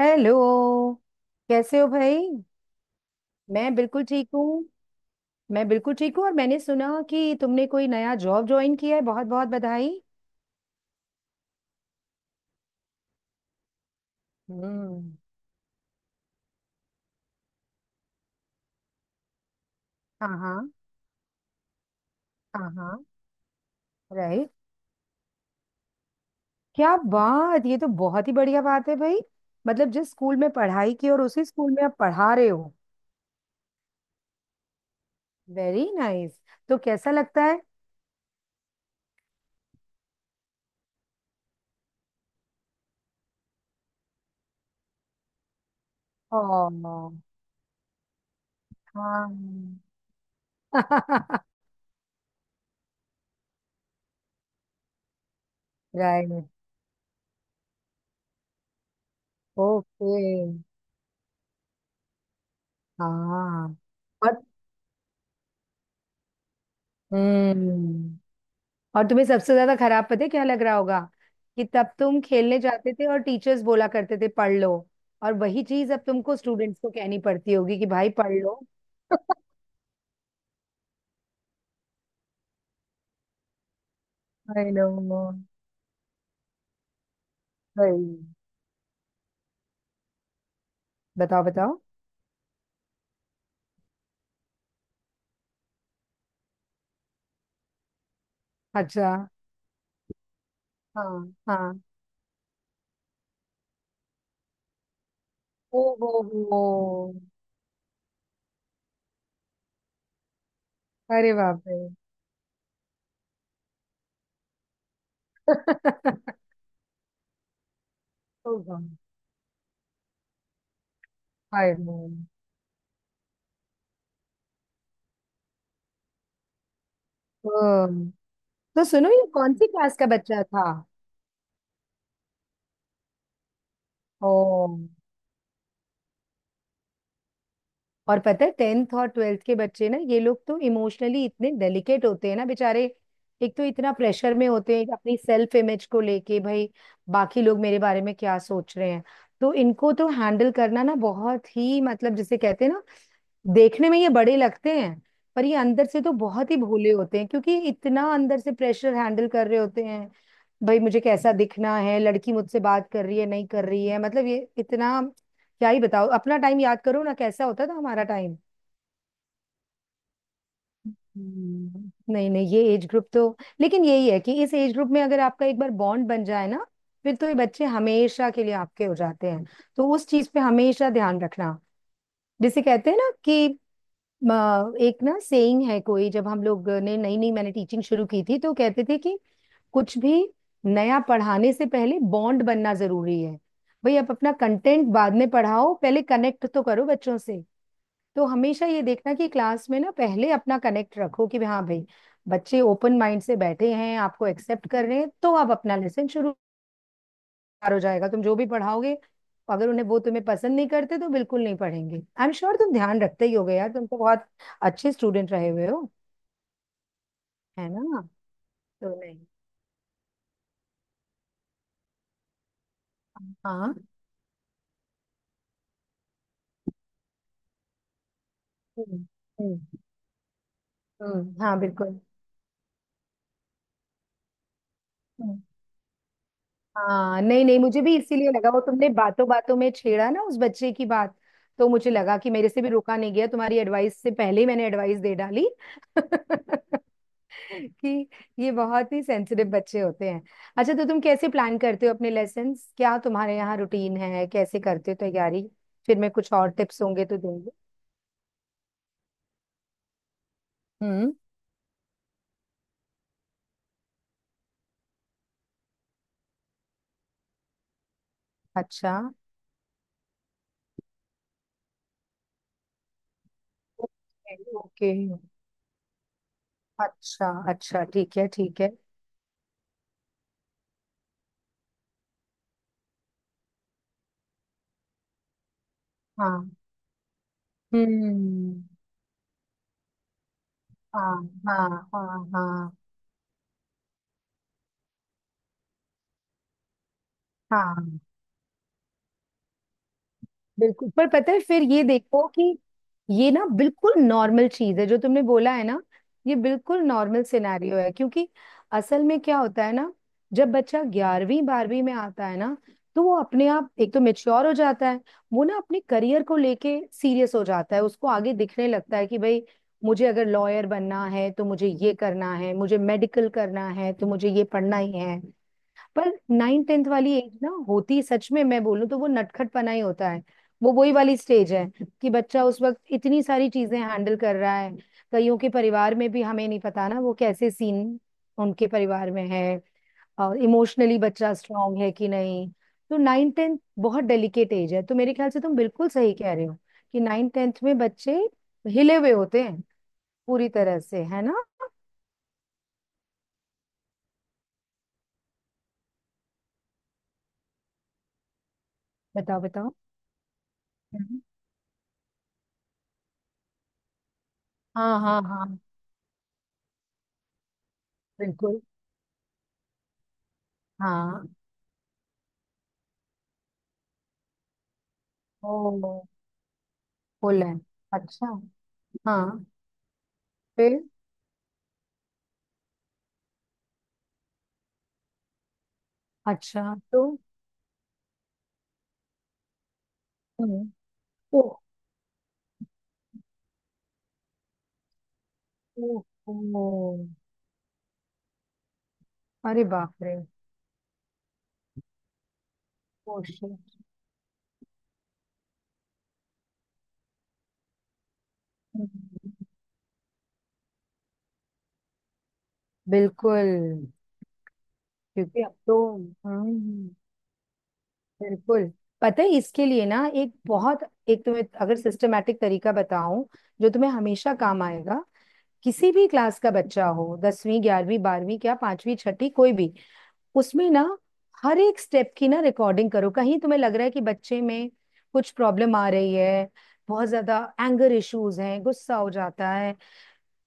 Hello. कैसे हो भाई? मैं बिल्कुल ठीक हूँ। मैं बिल्कुल ठीक हूँ, और मैंने सुना कि तुमने कोई नया जॉब ज्वाइन किया है। बहुत बहुत बधाई। हम्म। हाँ हाँ। हाँ हाँ। राइट। क्या बात, ये तो बहुत ही बढ़िया बात है भाई। मतलब जिस स्कूल में पढ़ाई की और उसी स्कूल में आप पढ़ा रहे हो। Very nice nice। तो कैसा लगता है? ओ। हाँ। राइट। ओके। हाँ। और- हम्म। और तुम्हें सबसे ज्यादा खराब पता है क्या लग रहा होगा? कि तब तुम खेलने जाते थे और टीचर्स बोला करते थे पढ़ लो। और वही चीज अब तुमको स्टूडेंट्स को कहनी पड़ती होगी कि भाई पढ़ लो। I know. सही। बताओ बताओ। अच्छा। हाँ हाँ। ओ हो। हो। अरे बाप रे। ओ गॉड। I know. ओ, तो सुनो ये कौन सी क्लास का बच्चा था? ओ। और पता है टेंथ और ट्वेल्थ के बच्चे ना, ये लोग तो इमोशनली इतने डेलिकेट होते हैं ना बेचारे। एक तो इतना प्रेशर में होते हैं अपनी सेल्फ इमेज को लेके भाई, बाकी लोग मेरे बारे में क्या सोच रहे हैं। तो इनको तो हैंडल करना ना बहुत ही मतलब जिसे कहते हैं ना, देखने में ये बड़े लगते हैं पर ये अंदर से तो बहुत ही भोले होते हैं, क्योंकि इतना अंदर से प्रेशर हैंडल कर रहे होते हैं। भाई मुझे कैसा दिखना है, लड़की मुझसे बात कर रही है नहीं कर रही है, मतलब ये इतना। क्या ही बताओ, अपना टाइम याद करो ना कैसा होता था हमारा टाइम। हम्म। नहीं नहीं, ये एज ग्रुप तो लेकिन यही है कि इस एज ग्रुप में अगर आपका एक बार बॉन्ड बन जाए ना, फिर तो ये बच्चे हमेशा के लिए आपके हो जाते हैं। तो उस चीज पे हमेशा ध्यान रखना। जिसे कहते हैं ना कि म, एक ना सेइंग है कोई, जब हम लोग ने नई नई मैंने टीचिंग शुरू की थी तो कहते थे कि कुछ भी नया पढ़ाने से पहले बॉन्ड बनना जरूरी है। भाई आप अपना कंटेंट बाद में पढ़ाओ, पहले कनेक्ट तो करो बच्चों से। तो हमेशा ये देखना कि क्लास में ना पहले अपना कनेक्ट रखो कि हाँ भाई, बच्चे ओपन माइंड से बैठे हैं, आपको एक्सेप्ट कर रहे हैं, तो आप अपना लेसन शुरू। बेकार हो जाएगा तुम जो भी पढ़ाओगे, अगर उन्हें वो तुम्हें पसंद नहीं करते तो बिल्कुल नहीं पढ़ेंगे। आई एम श्योर तुम ध्यान रखते ही होगे यार, तुम तो बहुत अच्छे स्टूडेंट रहे हुए हो, है ना? तो नहीं। हाँ। हम्म। हम्म। हाँ बिल्कुल। हम्म। हाँ नहीं नहीं, मुझे भी इसीलिए लगा, वो तुमने बातों बातों में छेड़ा ना उस बच्चे की बात, तो मुझे लगा कि मेरे से भी रोका नहीं गया, तुम्हारी एडवाइस से पहले ही मैंने एडवाइस दे डाली। कि ये बहुत ही सेंसिटिव बच्चे होते हैं। अच्छा तो तुम कैसे प्लान करते हो अपने लेसन्स? क्या तुम्हारे यहाँ रूटीन है? कैसे करते हो तैयारी? फिर मैं कुछ और टिप्स होंगे तो दूंगी। हम्म। अच्छा। ओके। अच्छा अच्छा, ठीक है ठीक है। हाँ। हम्म। हाँ हाँ हाँ। हाँ। हाँ बिल्कुल, पर पता है फिर ये देखो कि ये ना बिल्कुल नॉर्मल चीज है जो तुमने बोला है ना, ये बिल्कुल नॉर्मल सिनेरियो है। क्योंकि असल में क्या होता है ना, जब बच्चा ग्यारहवीं बारहवीं में आता है ना, तो वो अपने आप एक तो मेच्योर हो जाता है। वो ना अपने करियर को लेके सीरियस हो जाता है, उसको आगे दिखने लगता है कि भाई मुझे अगर लॉयर बनना है तो मुझे ये करना है, मुझे मेडिकल करना है तो मुझे ये पढ़ना ही है। पर नाइन टेंथ वाली एज ना, होती सच में मैं बोलूं तो वो नटखटपना ही होता है। वो वही वाली स्टेज है कि बच्चा उस वक्त इतनी सारी चीजें हैंडल कर रहा है। कईयों के परिवार में भी हमें नहीं पता ना वो कैसे सीन उनके परिवार में है, और इमोशनली बच्चा स्ट्रांग है कि नहीं। तो नाइन टेंथ बहुत डेलिकेट एज है, तो मेरे ख्याल से तुम बिल्कुल सही कह रहे हो कि नाइन टेंथ में बच्चे हिले हुए होते हैं पूरी तरह से, है ना? बताओ बताओ। हम्म। हाँ हाँ हाँ। बिल्कुल। हाँ। ओ। पुल है। अच्छा। हाँ। फिर। अच्छा तो। हम्म। ओह। ओह। ओह, अरे बाप रे। Oh shit. हम्म, बिल्कुल। क्योंकि अब तो। हम्म। बिल्कुल। पता है, इसके लिए ना एक बहुत, एक तुम्हें अगर सिस्टमेटिक तरीका बताऊं जो तुम्हें हमेशा काम आएगा। किसी भी क्लास का बच्चा हो, दसवीं ग्यारहवीं बारहवीं, क्या पांचवी छठी, कोई भी, उसमें ना हर एक स्टेप की ना रिकॉर्डिंग करो। कहीं तुम्हें लग रहा है कि बच्चे में कुछ प्रॉब्लम आ रही है, बहुत ज्यादा एंगर इश्यूज हैं, गुस्सा हो जाता है,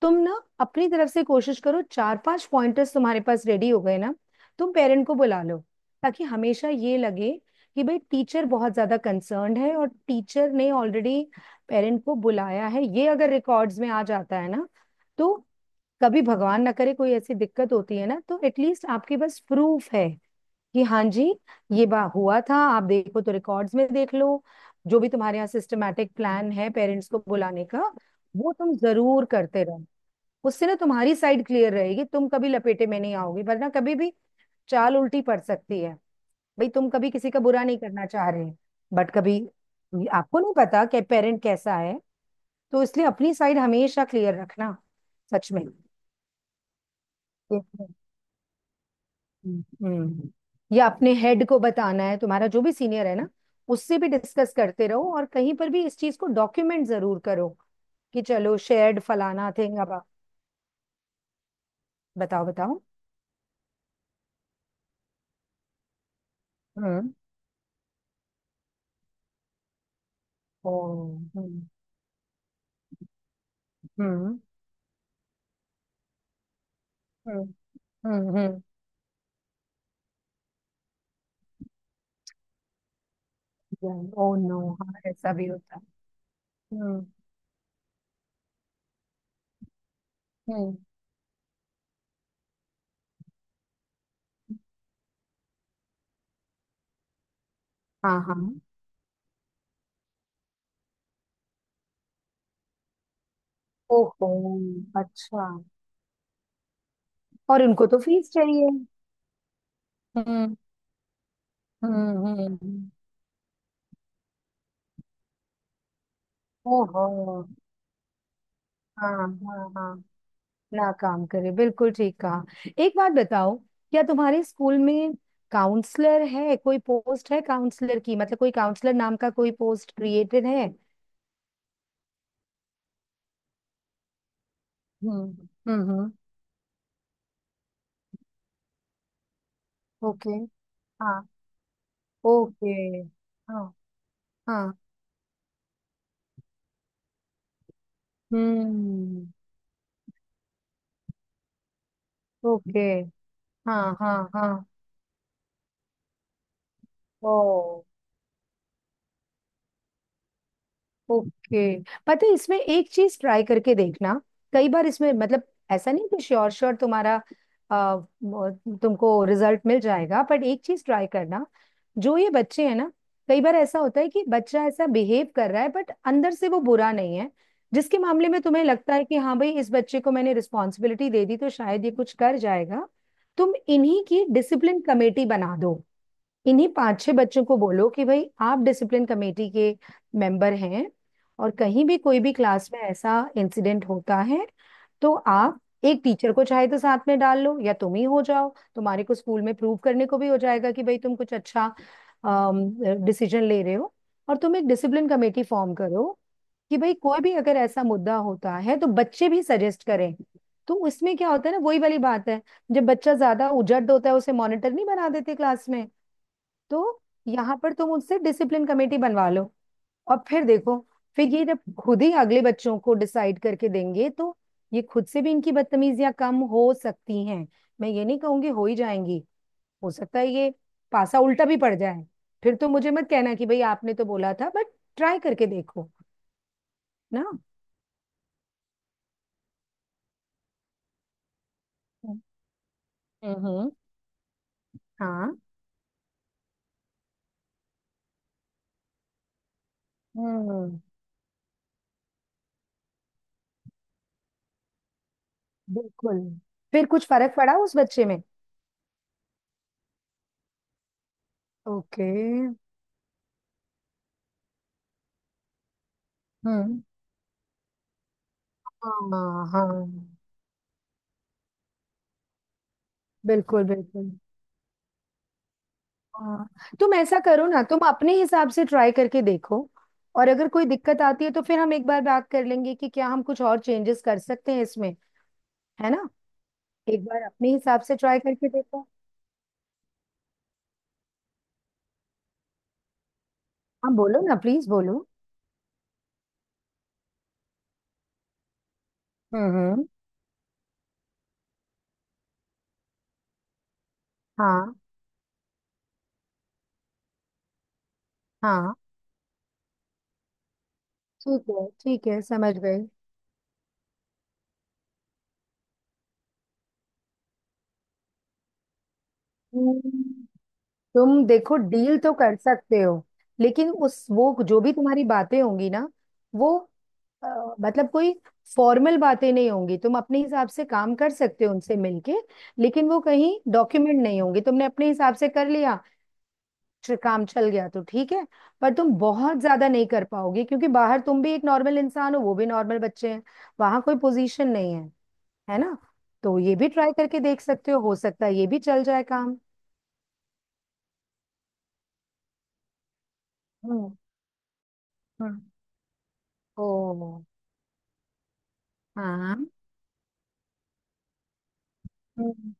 तुम ना अपनी तरफ से कोशिश करो, चार पांच पॉइंटर्स तुम्हारे पास रेडी हो गए ना, तुम पेरेंट को बुला लो। ताकि हमेशा ये लगे कि भाई टीचर बहुत ज्यादा कंसर्न्ड है, और टीचर ने ऑलरेडी पेरेंट को बुलाया है। ये अगर रिकॉर्ड्स में आ जाता है ना, तो कभी भगवान ना करे कोई ऐसी दिक्कत होती है ना, तो एटलीस्ट आपके पास प्रूफ है कि हाँ जी, ये बा हुआ था, आप देखो तो रिकॉर्ड्स में देख लो। जो भी तुम्हारे यहाँ सिस्टमेटिक प्लान है पेरेंट्स को बुलाने का, वो तुम जरूर करते रहो। उससे ना तुम्हारी साइड क्लियर रहेगी, तुम कभी लपेटे में नहीं आओगे। वरना कभी भी चाल उल्टी पड़ सकती है। भाई तुम कभी किसी का बुरा नहीं करना चाह रहे, बट कभी आपको नहीं पता कि पेरेंट कैसा है। तो इसलिए अपनी साइड हमेशा क्लियर रखना सच में। हम्म। या अपने हेड को बताना है, तुम्हारा जो भी सीनियर है ना, उससे भी डिस्कस करते रहो, और कहीं पर भी इस चीज को डॉक्यूमेंट जरूर करो कि चलो शेयर्ड फलाना थिंग। अब आप बताओ बताओ। हम्म। ओ। हम्म। हम्म। हम्म। हम्म। ओ नो, हाँ ऐसा भी होता है। हम्म। हम्म। हाँ हाँ। ओहो। अच्छा। और उनको तो फीस चाहिए। हम्म। हम्म। हम्म। ओहो। हाँ हाँ हाँ, ना काम करे, बिल्कुल ठीक कहा। एक बात बताओ, क्या तुम्हारे स्कूल में काउंसलर है, कोई पोस्ट है काउंसलर की? मतलब कोई काउंसलर नाम का कोई पोस्ट क्रिएटेड है? हम्म। हम्म। ओके। हाँ। ओके। हाँ। हाँ। हम्म। ओके। हाँ हाँ हाँ। ओ। ओके, पता है इसमें एक चीज ट्राई करके देखना। कई बार इसमें मतलब, ऐसा नहीं कि श्योर श्योर तुम्हारा तुमको रिजल्ट मिल जाएगा, बट एक चीज ट्राई करना। जो ये बच्चे हैं ना, कई बार ऐसा होता है कि बच्चा ऐसा बिहेव कर रहा है बट अंदर से वो बुरा नहीं है, जिसके मामले में तुम्हें लगता है कि हाँ भाई इस बच्चे को मैंने रिस्पॉन्सिबिलिटी दे दी तो शायद ये कुछ कर जाएगा, तुम इन्हीं की डिसिप्लिन कमेटी बना दो। इन्हीं पांच छह बच्चों को बोलो कि भाई आप डिसिप्लिन कमेटी के मेंबर हैं, और कहीं भी कोई भी क्लास में ऐसा इंसिडेंट होता है तो आप, एक टीचर को चाहे तो साथ में डाल लो या तुम ही हो जाओ। तुम्हारे को स्कूल में प्रूव करने को भी हो जाएगा कि भाई तुम कुछ अच्छा डिसीजन ले रहे हो। और तुम एक डिसिप्लिन कमेटी फॉर्म करो कि भाई कोई भी अगर ऐसा मुद्दा होता है तो बच्चे भी सजेस्ट करें। तो उसमें क्या होता है ना, वही वाली बात है, जब बच्चा ज्यादा उजड़ होता है उसे मॉनिटर नहीं बना देते क्लास में? तो यहाँ पर तुम उससे डिसिप्लिन कमेटी बनवा लो। और फिर देखो, फिर ये जब खुद ही अगले बच्चों को डिसाइड करके देंगे, तो ये खुद से भी इनकी बदतमीजियां कम हो सकती हैं। मैं ये नहीं कहूंगी हो ही जाएंगी, हो सकता है ये पासा उल्टा भी पड़ जाए। फिर तो मुझे मत कहना कि भाई आपने तो बोला था, बट ट्राई करके देखो। ना। हम्म। हाँ। हम्म। बिल्कुल। फिर कुछ फर्क पड़ा उस बच्चे में? ओके। हम्म। हाँ हाँ। बिल्कुल बिल्कुल। हाँ, तुम ऐसा करो ना, तुम अपने हिसाब से ट्राई करके देखो। और अगर कोई दिक्कत आती है तो फिर हम एक बार बात कर लेंगे कि क्या हम कुछ और चेंजेस कर सकते हैं इसमें, है ना? एक बार अपने हिसाब से ट्राई करके देखो। हाँ बोलो ना, प्लीज बोलो। हम्म। हाँ। हाँ ठीक है ठीक है, समझ गए। हम्म, तुम देखो डील तो कर सकते हो, लेकिन उस वो जो भी तुम्हारी बातें होंगी ना वो अ, मतलब कोई फॉर्मल बातें नहीं होंगी, तुम अपने हिसाब से काम कर सकते हो उनसे मिलके। लेकिन वो कहीं डॉक्यूमेंट नहीं होंगी, तुमने अपने हिसाब से कर लिया, काम चल गया तो ठीक है। पर तुम बहुत ज्यादा नहीं कर पाओगे, क्योंकि बाहर तुम भी एक नॉर्मल इंसान हो, वो भी नॉर्मल बच्चे हैं, वहां कोई पोजीशन नहीं है, है ना? तो ये भी ट्राई करके देख सकते हो सकता है ये भी चल जाए काम। हम्म। हम्म। ओ। हाँ। हम्म।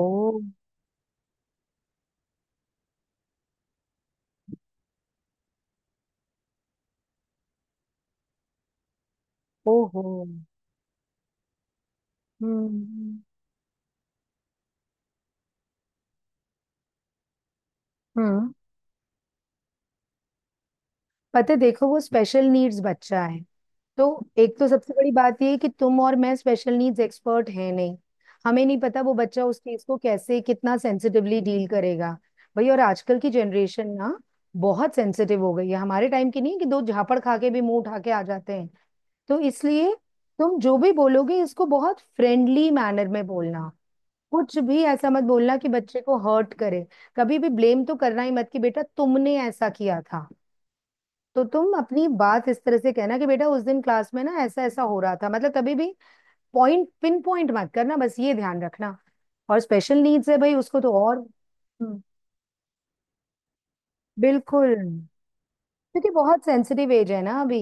ओ। ओहो। हम्म। हम्म। पता है देखो, वो स्पेशल नीड्स बच्चा है। तो एक तो सबसे बड़ी बात ये है कि तुम और मैं स्पेशल नीड्स एक्सपर्ट हैं नहीं, हमें नहीं पता वो बच्चा उस चीज को कैसे कितना सेंसिटिवली डील करेगा। भाई और आजकल की जनरेशन ना बहुत सेंसिटिव हो गई है, हमारे टाइम की नहीं है कि दो झापड़ खा के भी मुंह उठा के आ जाते हैं। तो इसलिए तुम जो भी बोलोगे इसको बहुत फ्रेंडली मैनर में बोलना। कुछ भी ऐसा मत बोलना कि बच्चे को हर्ट करे। कभी भी ब्लेम तो करना ही मत कि बेटा तुमने ऐसा किया था। तो तुम अपनी बात इस तरह से कहना कि बेटा उस दिन क्लास में ना ऐसा ऐसा हो रहा था, मतलब कभी भी पॉइंट पिन पॉइंट मत करना, बस ये ध्यान रखना। और स्पेशल नीड्स है भाई, उसको तो और। हम्म, बिल्कुल, क्योंकि बहुत सेंसिटिव एज है ना अभी,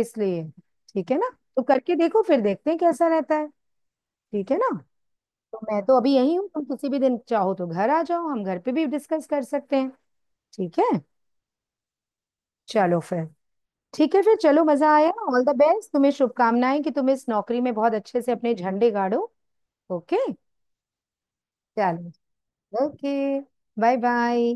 इसलिए, ठीक है ना? तो करके देखो, फिर देखते हैं कैसा रहता है। ठीक है ना? तो मैं तो अभी यही हूँ, तुम किसी भी दिन चाहो तो घर आ जाओ, हम घर पे भी डिस्कस कर सकते हैं। ठीक है। चलो फिर, ठीक है फिर, चलो मजा आया। ऑल द बेस्ट, तुम्हें शुभकामनाएं कि तुम इस नौकरी में बहुत अच्छे से अपने झंडे गाड़ो। ओके। चलो। ओके। Bye bye.